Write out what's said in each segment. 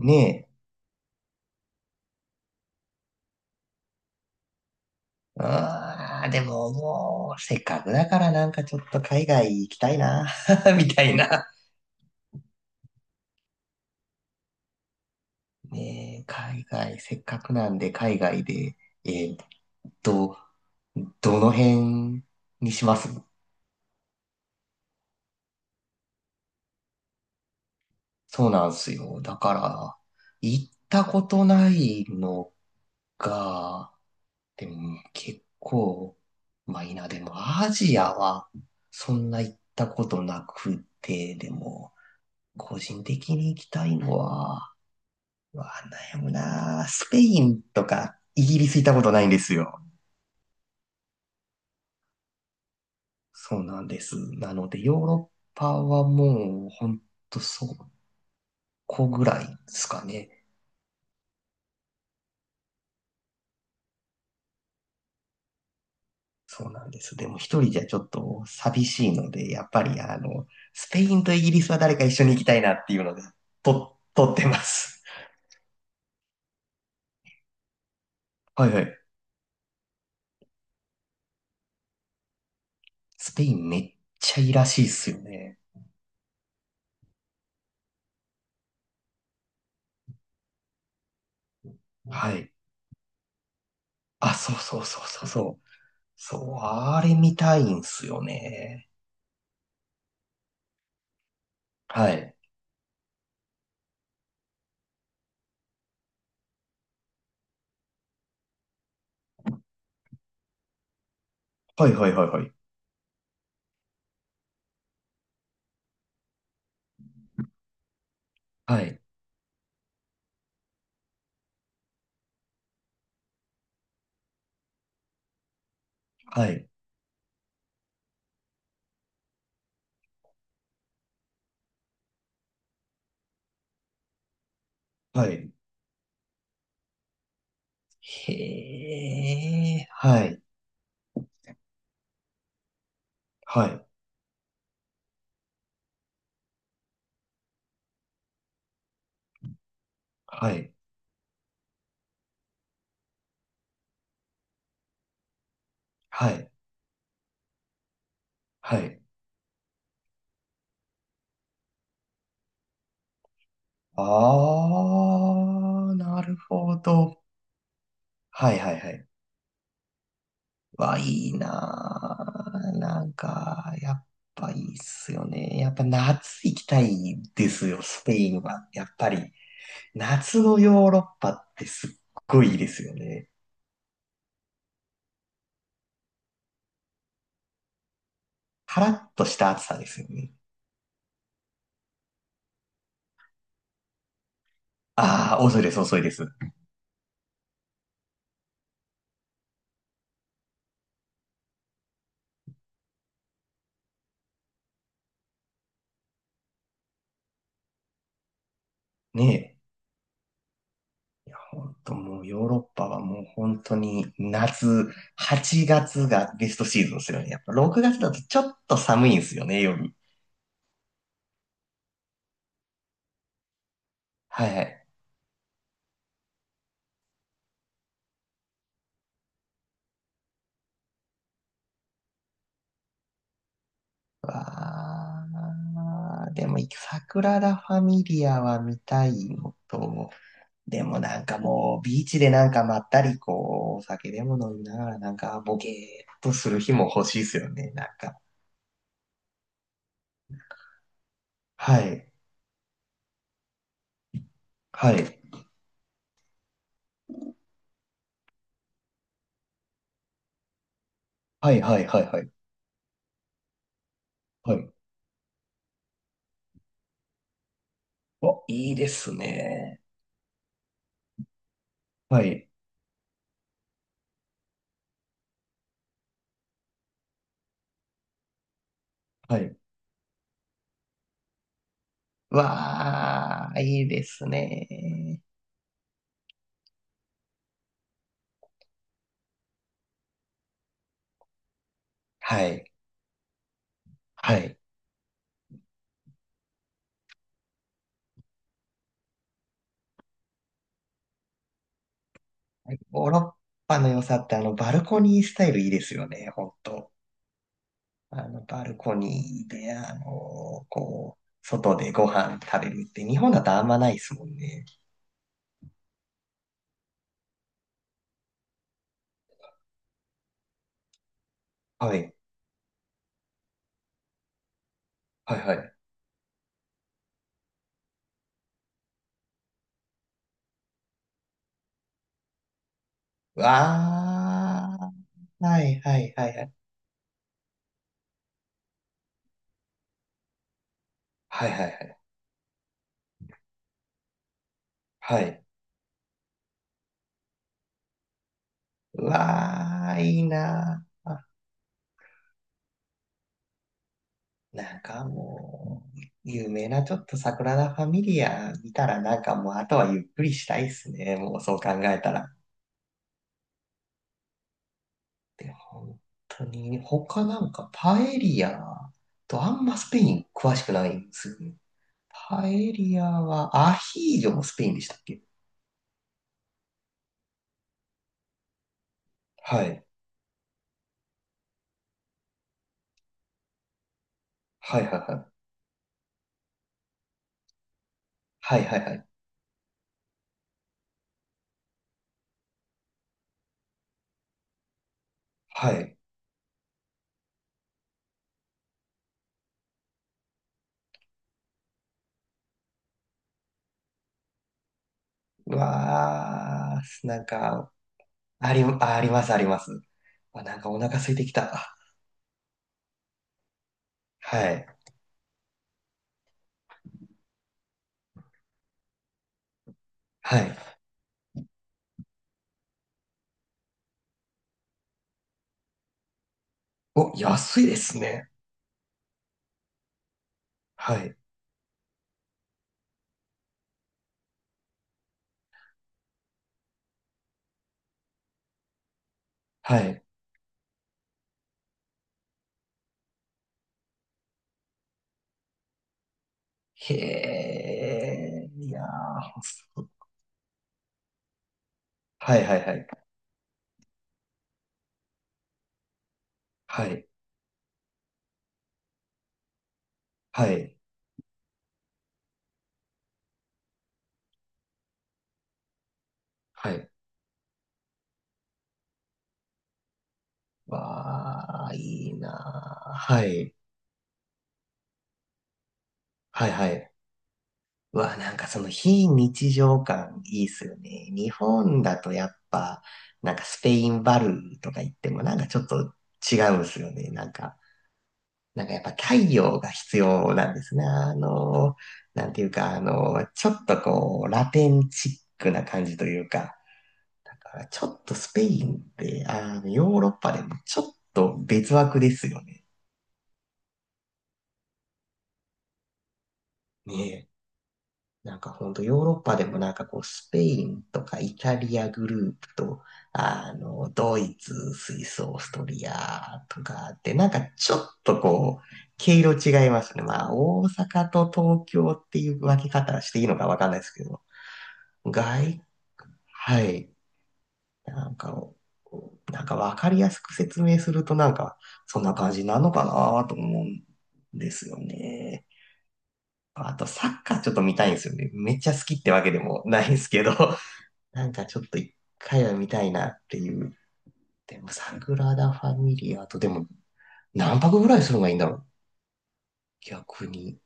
ねえ。ああ、でももう、せっかくだからなんかちょっと海外行きたいな、みたいな。ねえ、海外、せっかくなんで海外で、えーっと、どの辺にします？そうなんすよ。だから、行ったことないのが、でも結構、まあいいな、でもアジアはそんな行ったことなくて、でも、個人的に行きたいのは、うわ、悩むなぁ、スペインとかイギリス行ったことないんですよ。そうなんです。なので、ヨーロッパはもう、ほんとそこぐらいですかね。そうなんです。でも一人じゃちょっと寂しいので、やっぱりあの、スペインとイギリスは誰か一緒に行きたいなっていうので、と、撮ってます。はいはい。スペインめっちゃいいらしいっすよね。はい。あ、そうそうそうそうそう。そう、あれ見たいんすよね。はい。はいはいはいはい。はい、はい、はい。へえ、はい、はい、はい、はい、はい。あー、なるほど。はい、はい、はい。わ、いいなー。なんか、やっぱいいっすよね。やっぱ夏行きたいですよ、スペインは。やっぱり、夏のヨーロッパってすっごいいいですよね。カラッとした暑さですよね。あー、遅いです、遅いです。ねえ。本当もうヨーロッパはもう本当に夏、8月がベストシーズンですよね。やっぱ6月だとちょっと寒いんですよね、夜。はいはい。わー、でも、桜田ファミリアは見たいのと、でもなんかもう、ビーチでなんかまったり、こう、お酒でも飲みながら、なんかボケーっとする日も欲しいですよね、なんか。はい。はい。はいはいはいはい。はい。あ、いいですね。はい。はい。わあ、いいですね。はい。はい。ヨーロッパの良さってあのバルコニースタイルいいですよね、本当。あのバルコニーで、あの、こう、外でご飯食べるって日本だとあんまないですもんね。はい。はいはい。うわあ、はいはいはいはい。はいはいはい。はい。うわあ、いいなあ。なんかもう、有名なちょっと桜田ファミリア見たらなんかもうあとはゆっくりしたいっすね。もうそう考えたら。で、本当に他なんかパエリアとあんまスペイン詳しくないんですよね。パエリアはアヒージョもスペインでしたっけ？はい。はいはいはい。はいはいはい。はい。うわー、なんか、あり、ありますあります。あ、なんかお腹空いてきた。はい。はい。お、安いですね。はい。はい。へえ、いやー、はいはいはい。はい。はい。はい。わあ、いいなー。はい。はいはい。わあ、なんかその非日常感いいっすよね。日本だとやっぱ、なんかスペインバルーとか言ってもなんかちょっと違うんすよね。なんか、なんかやっぱ太陽が必要なんですね。あのー、なんていうか、あのー、ちょっとこう、ラテンチックな感じというか、だからちょっとスペインって、あの、ヨーロッパでもちょっと別枠ですよね。ねえ。なんかほんとヨーロッパでもなんかこうスペインとかイタリアグループと、あの、ドイツ、スイス、オーストリアとかってなんかちょっとこう、毛色違いますね。まあ大阪と東京っていう分け方していいのかわかんないですけど。外、はい。なんか、なんかわかりやすく説明するとなんか、そんな感じなのかなと思うんですよね。あと、サッカーちょっと見たいんですよね。めっちゃ好きってわけでもないんですけど、なんかちょっと一回は見たいなっていう。でも、サグラダ・ファミリアと、でも、何泊ぐらいするのがいいんだろう、逆に。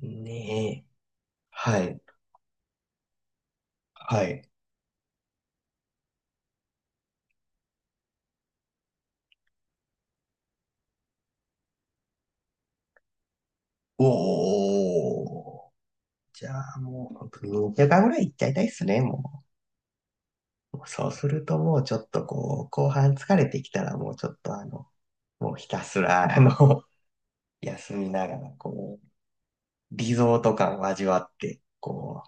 ねえ。はい。はい。おー。じゃあもう、本当に2週間ぐらい行っちゃいたいっすね、もう。そうするともうちょっとこう、後半疲れてきたらもうちょっとあの、もうひたすらあの、休みながらこう、リゾート感を味わって、こ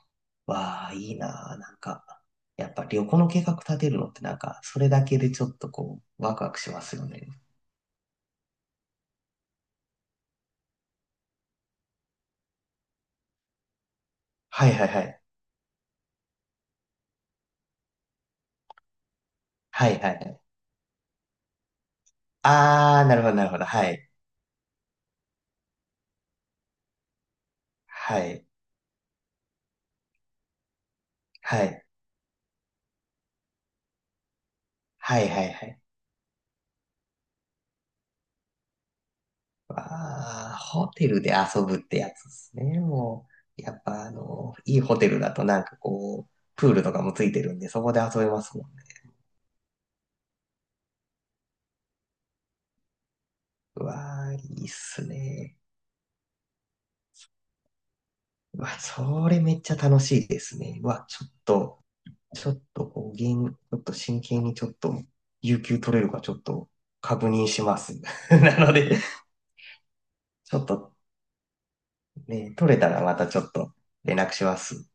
う、わあ、いいなあ、なんか、やっぱ旅行の計画立てるのってなんか、それだけでちょっとこう、ワクワクしますよね。はいはいはい。はいはいはい。あー、なるほどなるほど。はい。はい。はい。はいはいはい。ああ、ホテルで遊ぶってやつですね。もう、やっぱあの、いいホテルだとなんかこう、プールとかもついてるんで、そこで遊べますもんね。うわあ、いいっすね。うわ、それめっちゃ楽しいですね。うわ、ちょっと、ちょっとこう、ゲーム、ちょっと真剣にちょっと、有給取れるかちょっと確認します。なので、ちょっとね、取れたらまたちょっと連絡します。